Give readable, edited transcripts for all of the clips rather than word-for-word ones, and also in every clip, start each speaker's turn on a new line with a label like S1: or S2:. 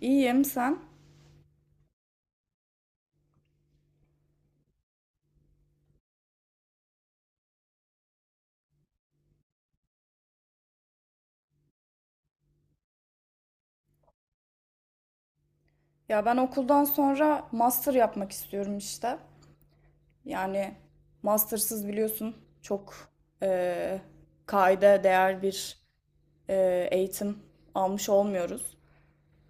S1: İyiyim sen? Ya ben okuldan sonra master yapmak istiyorum işte. Yani mastersız biliyorsun çok eee kaide değer bir eğitim almış olmuyoruz.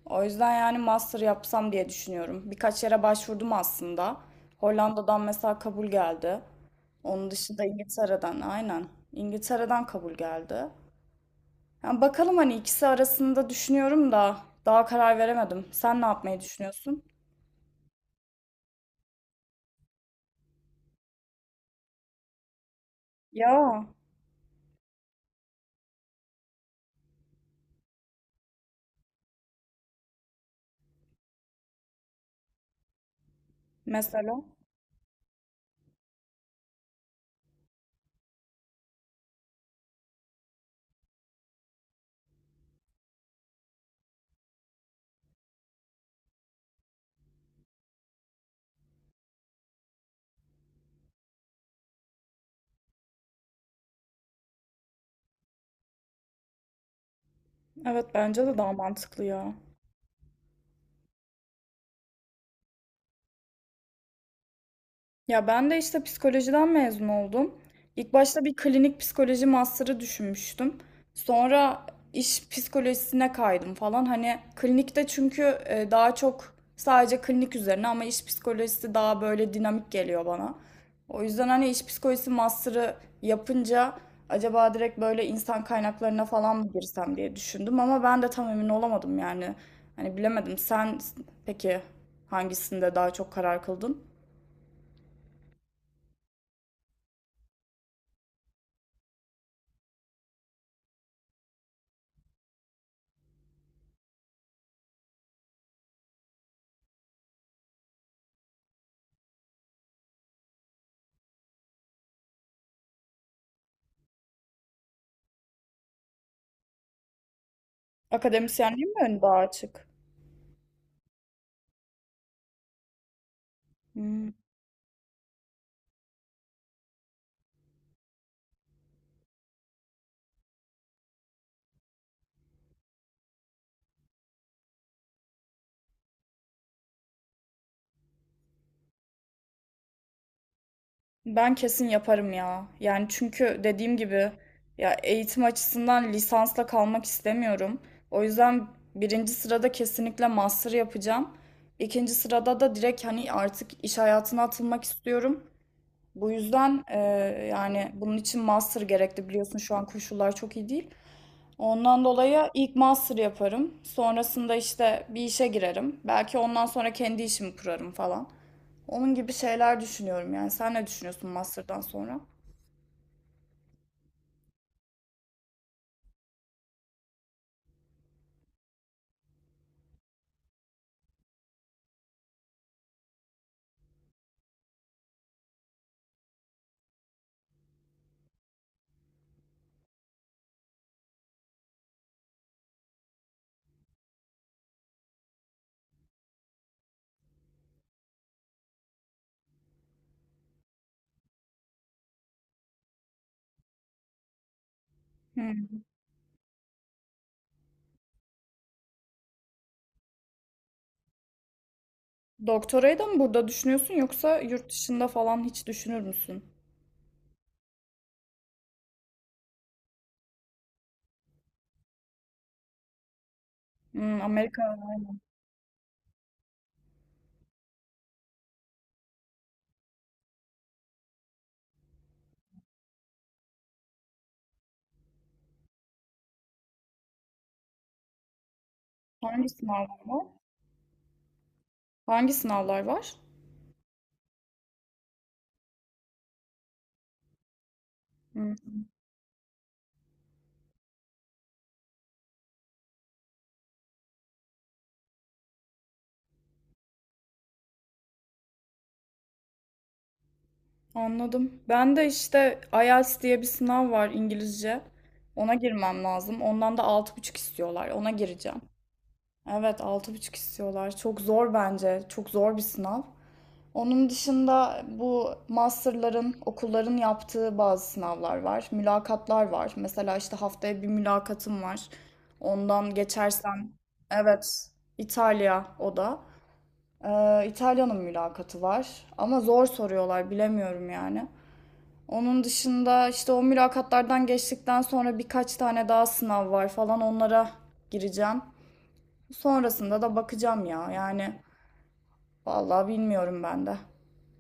S1: O yüzden yani master yapsam diye düşünüyorum. Birkaç yere başvurdum aslında. Hollanda'dan mesela kabul geldi. Onun dışında İngiltere'den aynen. İngiltere'den kabul geldi. Yani bakalım hani ikisi arasında düşünüyorum da daha karar veremedim. Sen ne yapmayı düşünüyorsun? Ya mesela. Evet, bence de daha mantıklı ya. Ya ben de işte psikolojiden mezun oldum. İlk başta bir klinik psikoloji master'ı düşünmüştüm. Sonra iş psikolojisine kaydım falan. Hani klinikte çünkü daha çok sadece klinik üzerine ama iş psikolojisi daha böyle dinamik geliyor bana. O yüzden hani iş psikolojisi master'ı yapınca acaba direkt böyle insan kaynaklarına falan mı girsem diye düşündüm ama ben de tam emin olamadım yani. Hani bilemedim. Sen peki hangisinde daha çok karar kıldın? Akademisyenliğim mi ön daha açık? Hmm. Ben kesin yaparım ya. Yani çünkü dediğim gibi ya eğitim açısından lisansla kalmak istemiyorum. O yüzden birinci sırada kesinlikle master yapacağım. İkinci sırada da direkt hani artık iş hayatına atılmak istiyorum. Bu yüzden yani bunun için master gerekli biliyorsun şu an koşullar çok iyi değil. Ondan dolayı ilk master yaparım. Sonrasında işte bir işe girerim. Belki ondan sonra kendi işimi kurarım falan. Onun gibi şeyler düşünüyorum yani. Sen ne düşünüyorsun master'dan sonra? Hmm. Doktorayı da mı burada düşünüyorsun yoksa yurt dışında falan hiç düşünür müsün? Hmm, Amerika. Hangi sınavlar var? Hangi sınavlar var? Hmm, anladım. Ben de işte IELTS diye bir sınav var İngilizce. Ona girmem lazım. Ondan da altı buçuk istiyorlar. Ona gireceğim. Evet altı buçuk istiyorlar. Çok zor bence. Çok zor bir sınav. Onun dışında bu masterların, okulların yaptığı bazı sınavlar var. Mülakatlar var. Mesela işte haftaya bir mülakatım var. Ondan geçersem, evet İtalya o da. İtalya'nın mülakatı var. Ama zor soruyorlar bilemiyorum yani. Onun dışında işte o mülakatlardan geçtikten sonra birkaç tane daha sınav var falan onlara gireceğim. Sonrasında da bakacağım ya. Yani vallahi bilmiyorum ben de.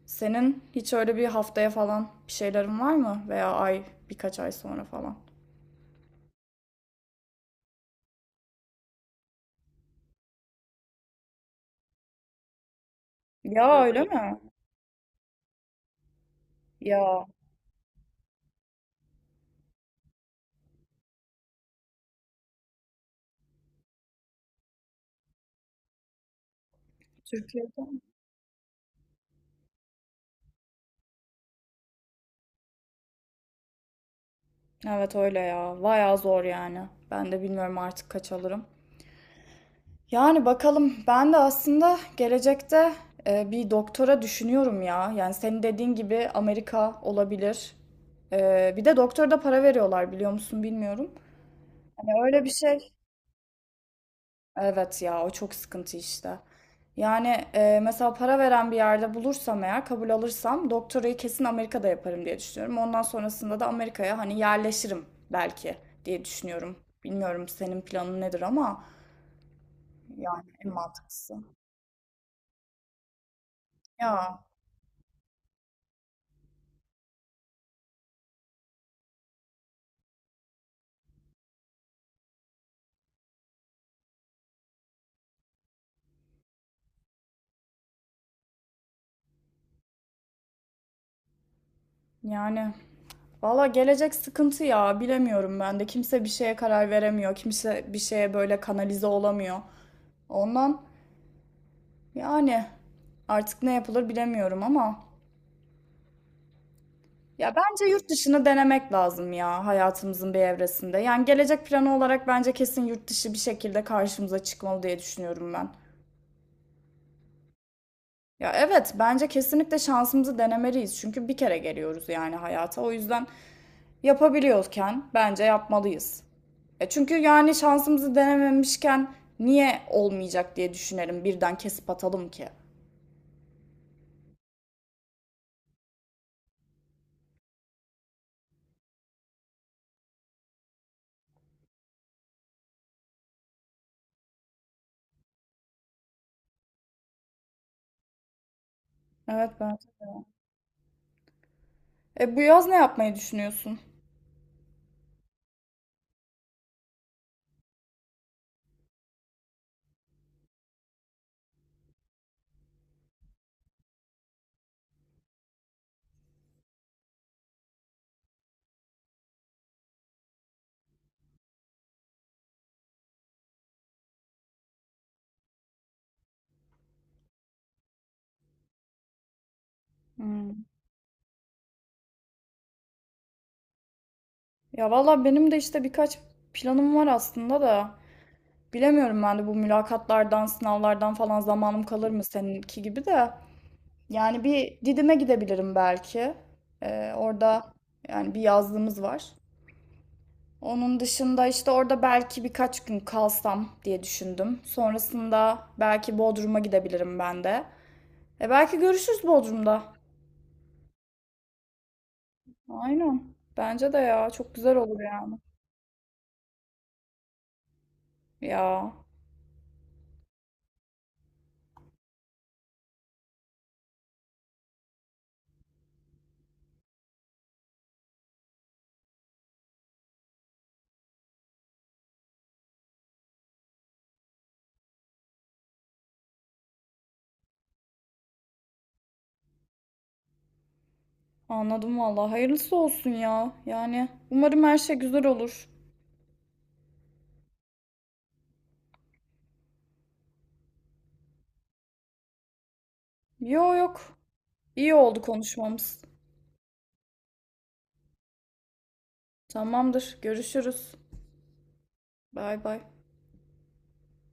S1: Senin hiç öyle bir haftaya falan bir şeylerin var mı? Veya ay birkaç ay sonra falan. Ya öyle mi? Ya Türkiye'de. Evet öyle ya. Bayağı zor yani. Ben de bilmiyorum artık kaç alırım. Yani bakalım ben de aslında gelecekte bir doktora düşünüyorum ya. Yani senin dediğin gibi Amerika olabilir. Bir de doktora da para veriyorlar biliyor musun bilmiyorum. Hani öyle bir şey. Evet ya o çok sıkıntı işte. Yani mesela para veren bir yerde bulursam eğer kabul alırsam doktorayı kesin Amerika'da yaparım diye düşünüyorum. Ondan sonrasında da Amerika'ya hani yerleşirim belki diye düşünüyorum. Bilmiyorum senin planın nedir ama yani en mantıklısı. Ya yani valla gelecek sıkıntı ya bilemiyorum ben de. Kimse bir şeye karar veremiyor. Kimse bir şeye böyle kanalize olamıyor. Ondan yani artık ne yapılır bilemiyorum ama. Ya bence yurt dışını denemek lazım ya hayatımızın bir evresinde. Yani gelecek planı olarak bence kesin yurt dışı bir şekilde karşımıza çıkmalı diye düşünüyorum ben. Ya evet bence kesinlikle şansımızı denemeliyiz. Çünkü bir kere geliyoruz yani hayata. O yüzden yapabiliyorken bence yapmalıyız. E çünkü yani şansımızı denememişken niye olmayacak diye düşünelim. Birden kesip atalım ki. Evet ben. E bu yaz ne yapmayı düşünüyorsun? Hmm. Ya valla benim de işte birkaç planım var aslında da. Bilemiyorum ben de bu mülakatlardan, sınavlardan falan zamanım kalır mı seninki gibi de. Yani bir Didim'e gidebilirim belki. Orada yani bir yazlığımız var. Onun dışında işte orada belki birkaç gün kalsam diye düşündüm. Sonrasında belki Bodrum'a gidebilirim ben de. E belki görüşürüz Bodrum'da. Aynen. Bence de ya çok güzel olur yani. Ya anladım valla. Hayırlısı olsun ya. Yani umarım her şey güzel olur. Yo yok. İyi oldu konuşmamız. Tamamdır. Görüşürüz. Bay bay.